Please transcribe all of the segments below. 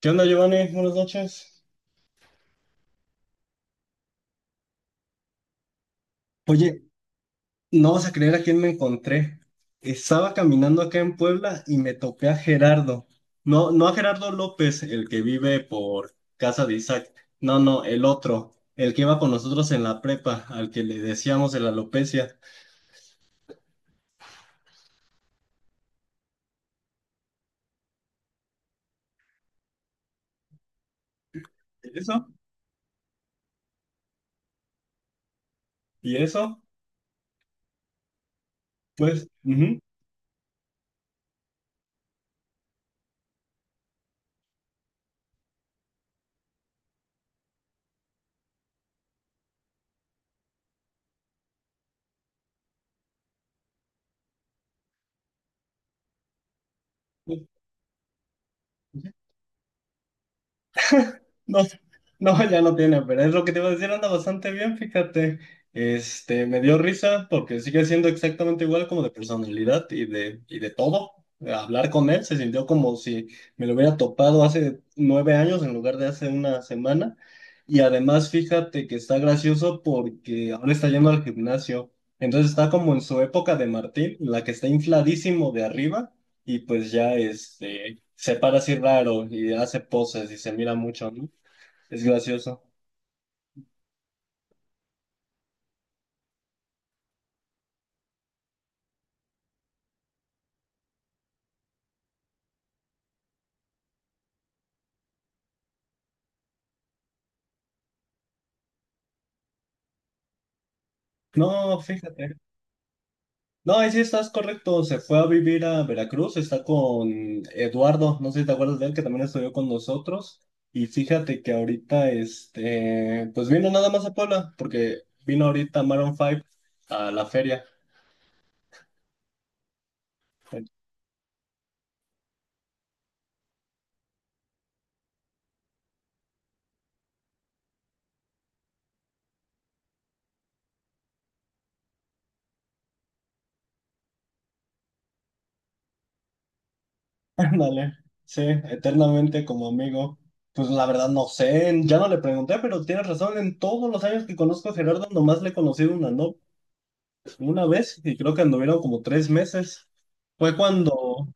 ¿Qué onda, Giovanni? Buenas noches. Oye, no vas a creer a quién me encontré. Estaba caminando acá en Puebla y me topé a Gerardo. No, no a Gerardo López, el que vive por casa de Isaac. No, no, el otro, el que iba con nosotros en la prepa, al que le decíamos de la alopecia. ¿Y ¿Eso? ¿Y eso? Pues, ujú. No, no, ya no tiene, pero es lo que te iba a decir, anda bastante bien, fíjate. Este, me dio risa porque sigue siendo exactamente igual como de personalidad y de todo. Hablar con él se sintió como si me lo hubiera topado hace 9 años en lugar de hace una semana. Y además, fíjate que está gracioso porque ahora está yendo al gimnasio. Entonces está como en su época de Martín, en la que está infladísimo de arriba y pues ya este, se para así raro y hace poses y se mira mucho, ¿no? Es gracioso. No, fíjate. No, ahí sí estás correcto. Se fue a vivir a Veracruz. Está con Eduardo. No sé si te acuerdas de él, que también estudió con nosotros. Y fíjate que ahorita, este, pues vino nada más a Puebla, porque vino ahorita Maroon 5 a la feria. Ándale. Sí, eternamente como amigo. Pues la verdad no sé, ya no le pregunté, pero tienes razón. En todos los años que conozco a Gerardo, nomás le he conocido una, ¿no? Una vez, y creo que anduvieron como 3 meses, fue cuando,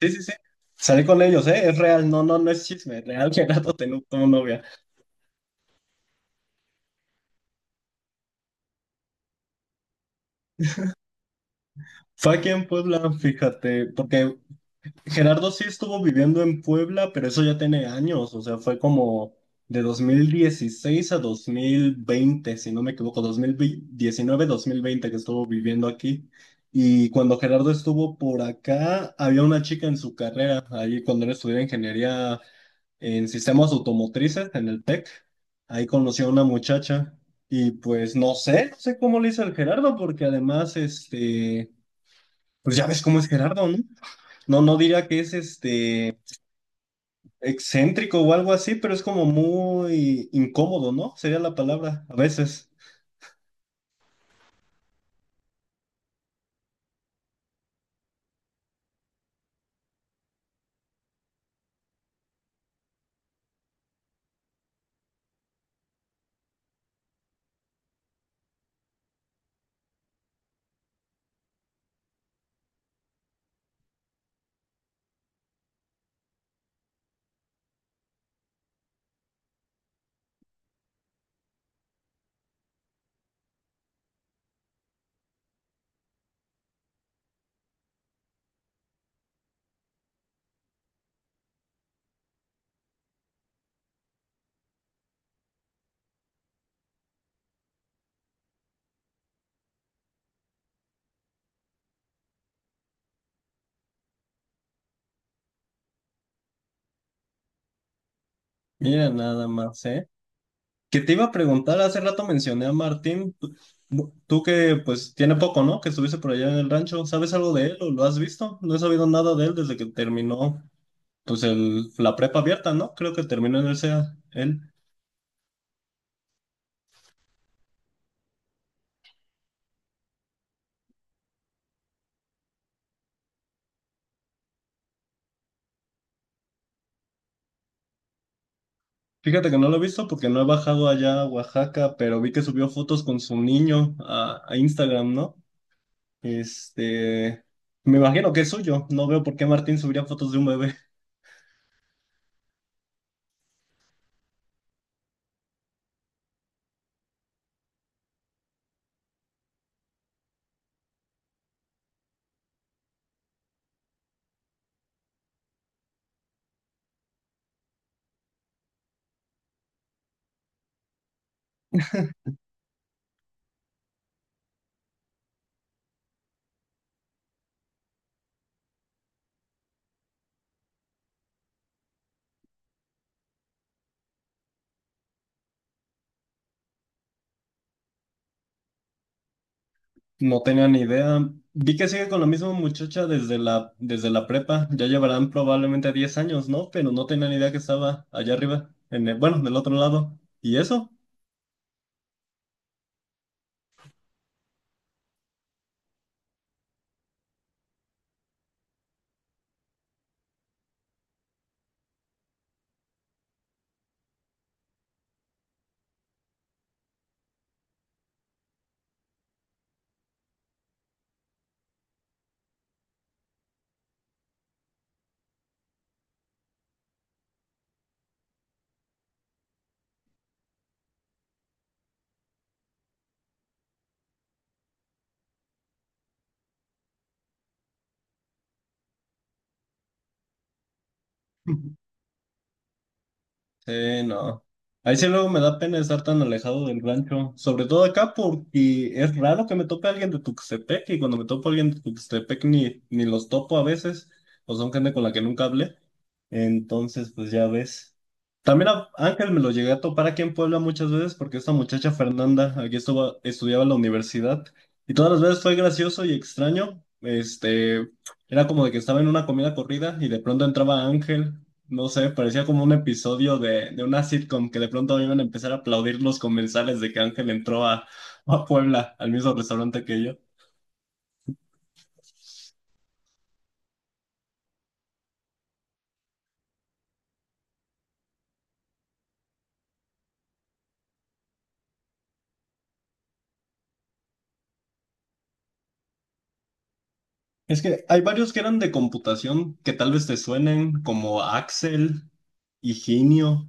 sí, sí, sí, salí con ellos, ¿eh? Es real, no, no, no es chisme, real, Gerardo tenía como novia. Fue aquí en Puebla, fíjate, porque Gerardo sí estuvo viviendo en Puebla, pero eso ya tiene años, o sea, fue como de 2016 a 2020, si no me equivoco, 2019-2020 que estuvo viviendo aquí. Y cuando Gerardo estuvo por acá, había una chica en su carrera, ahí cuando él estudiaba ingeniería en sistemas automotrices en el TEC, ahí conoció a una muchacha y pues no sé, no sé cómo le hizo el Gerardo, porque además, este, pues ya ves cómo es Gerardo, ¿no? No, no diría que es este excéntrico o algo así, pero es como muy incómodo, ¿no? Sería la palabra, a veces. Mira, nada más, ¿eh? Que te iba a preguntar, hace rato mencioné a Martín, tú que pues tiene poco, ¿no? Que estuviste por allá en el rancho, ¿sabes algo de él o lo has visto? No he sabido nada de él desde que terminó, pues el, la prepa abierta, ¿no? Creo que terminó en el SEA, él. Fíjate que no lo he visto porque no he bajado allá a Oaxaca, pero vi que subió fotos con su niño a Instagram, ¿no? Este, me imagino que es suyo. No veo por qué Martín subiría fotos de un bebé. No tenía ni idea. Vi que sigue con la misma muchacha desde la prepa. Ya llevarán probablemente 10 años, ¿no? Pero no tenía ni idea que estaba allá arriba, en bueno, del otro lado. ¿Y eso? Sí, no. Ahí sí luego me da pena estar tan alejado del rancho, sobre todo acá porque es raro que me tope alguien de Tuxtepec y cuando me topo alguien de Tuxtepec ni los topo a veces, o son gente con la que nunca hablé, entonces pues ya ves. También a Ángel me lo llegué a topar aquí en Puebla muchas veces porque esta muchacha Fernanda aquí estuvo, estudiaba en la universidad y todas las veces fue gracioso y extraño, este, era como de que estaba en una comida corrida y de pronto entraba Ángel. No sé, parecía como un episodio de una sitcom que de pronto iban a empezar a aplaudir los comensales de que Ángel entró a, a Puebla, al mismo restaurante que yo. Es que hay varios que eran de computación que tal vez te suenen, como Axel, Higinio.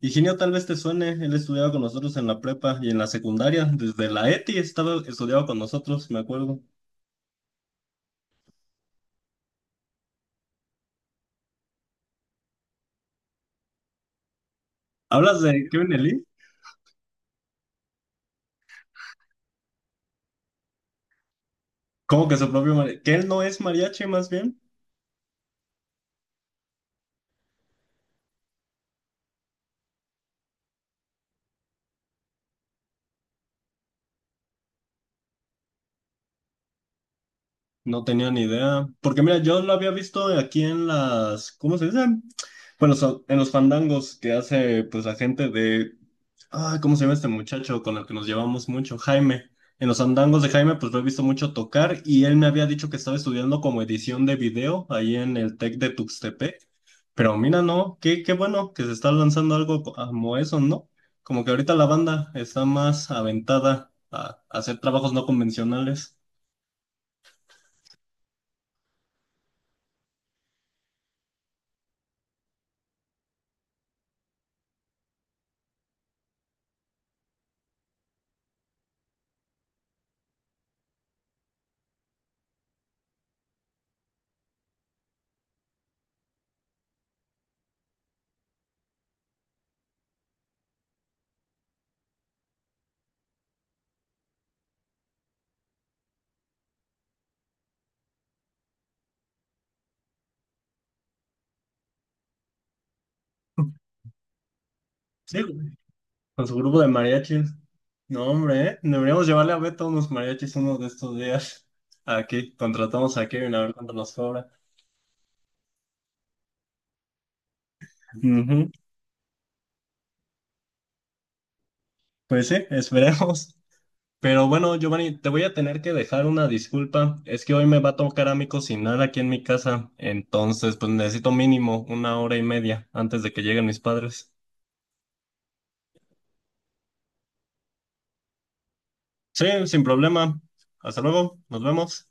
Higinio tal vez te suene, él estudiaba con nosotros en la prepa y en la secundaria, desde la ETI estaba estudiaba con nosotros, me acuerdo. ¿Hablas de Kevin Lee? ¿Cómo que su propio mariachi? ¿Que él no es mariachi más bien? No tenía ni idea. Porque mira, yo lo había visto aquí en las, ¿cómo se dice? Bueno, en los fandangos que hace pues la gente de, ah, ¿cómo se llama este muchacho con el que nos llevamos mucho? Jaime. En los fandangos de Jaime pues lo he visto mucho tocar y él me había dicho que estaba estudiando como edición de video ahí en el Tec de Tuxtepec. Pero mira, no, qué, qué bueno que se está lanzando algo como eso, ¿no? Como que ahorita la banda está más aventada a hacer trabajos no convencionales. Sí, con su grupo de mariachis. No, hombre, ¿eh? Deberíamos llevarle a Beto unos mariachis uno de estos días. Aquí, contratamos a Kevin a ver cuánto nos cobra. Ujú. Pues sí, esperemos. Pero bueno, Giovanni, te voy a tener que dejar una disculpa. Es que hoy me va a tocar a mí cocinar aquí en mi casa. Entonces, pues necesito mínimo una hora y media antes de que lleguen mis padres. Sí, sin problema. Hasta luego, nos vemos.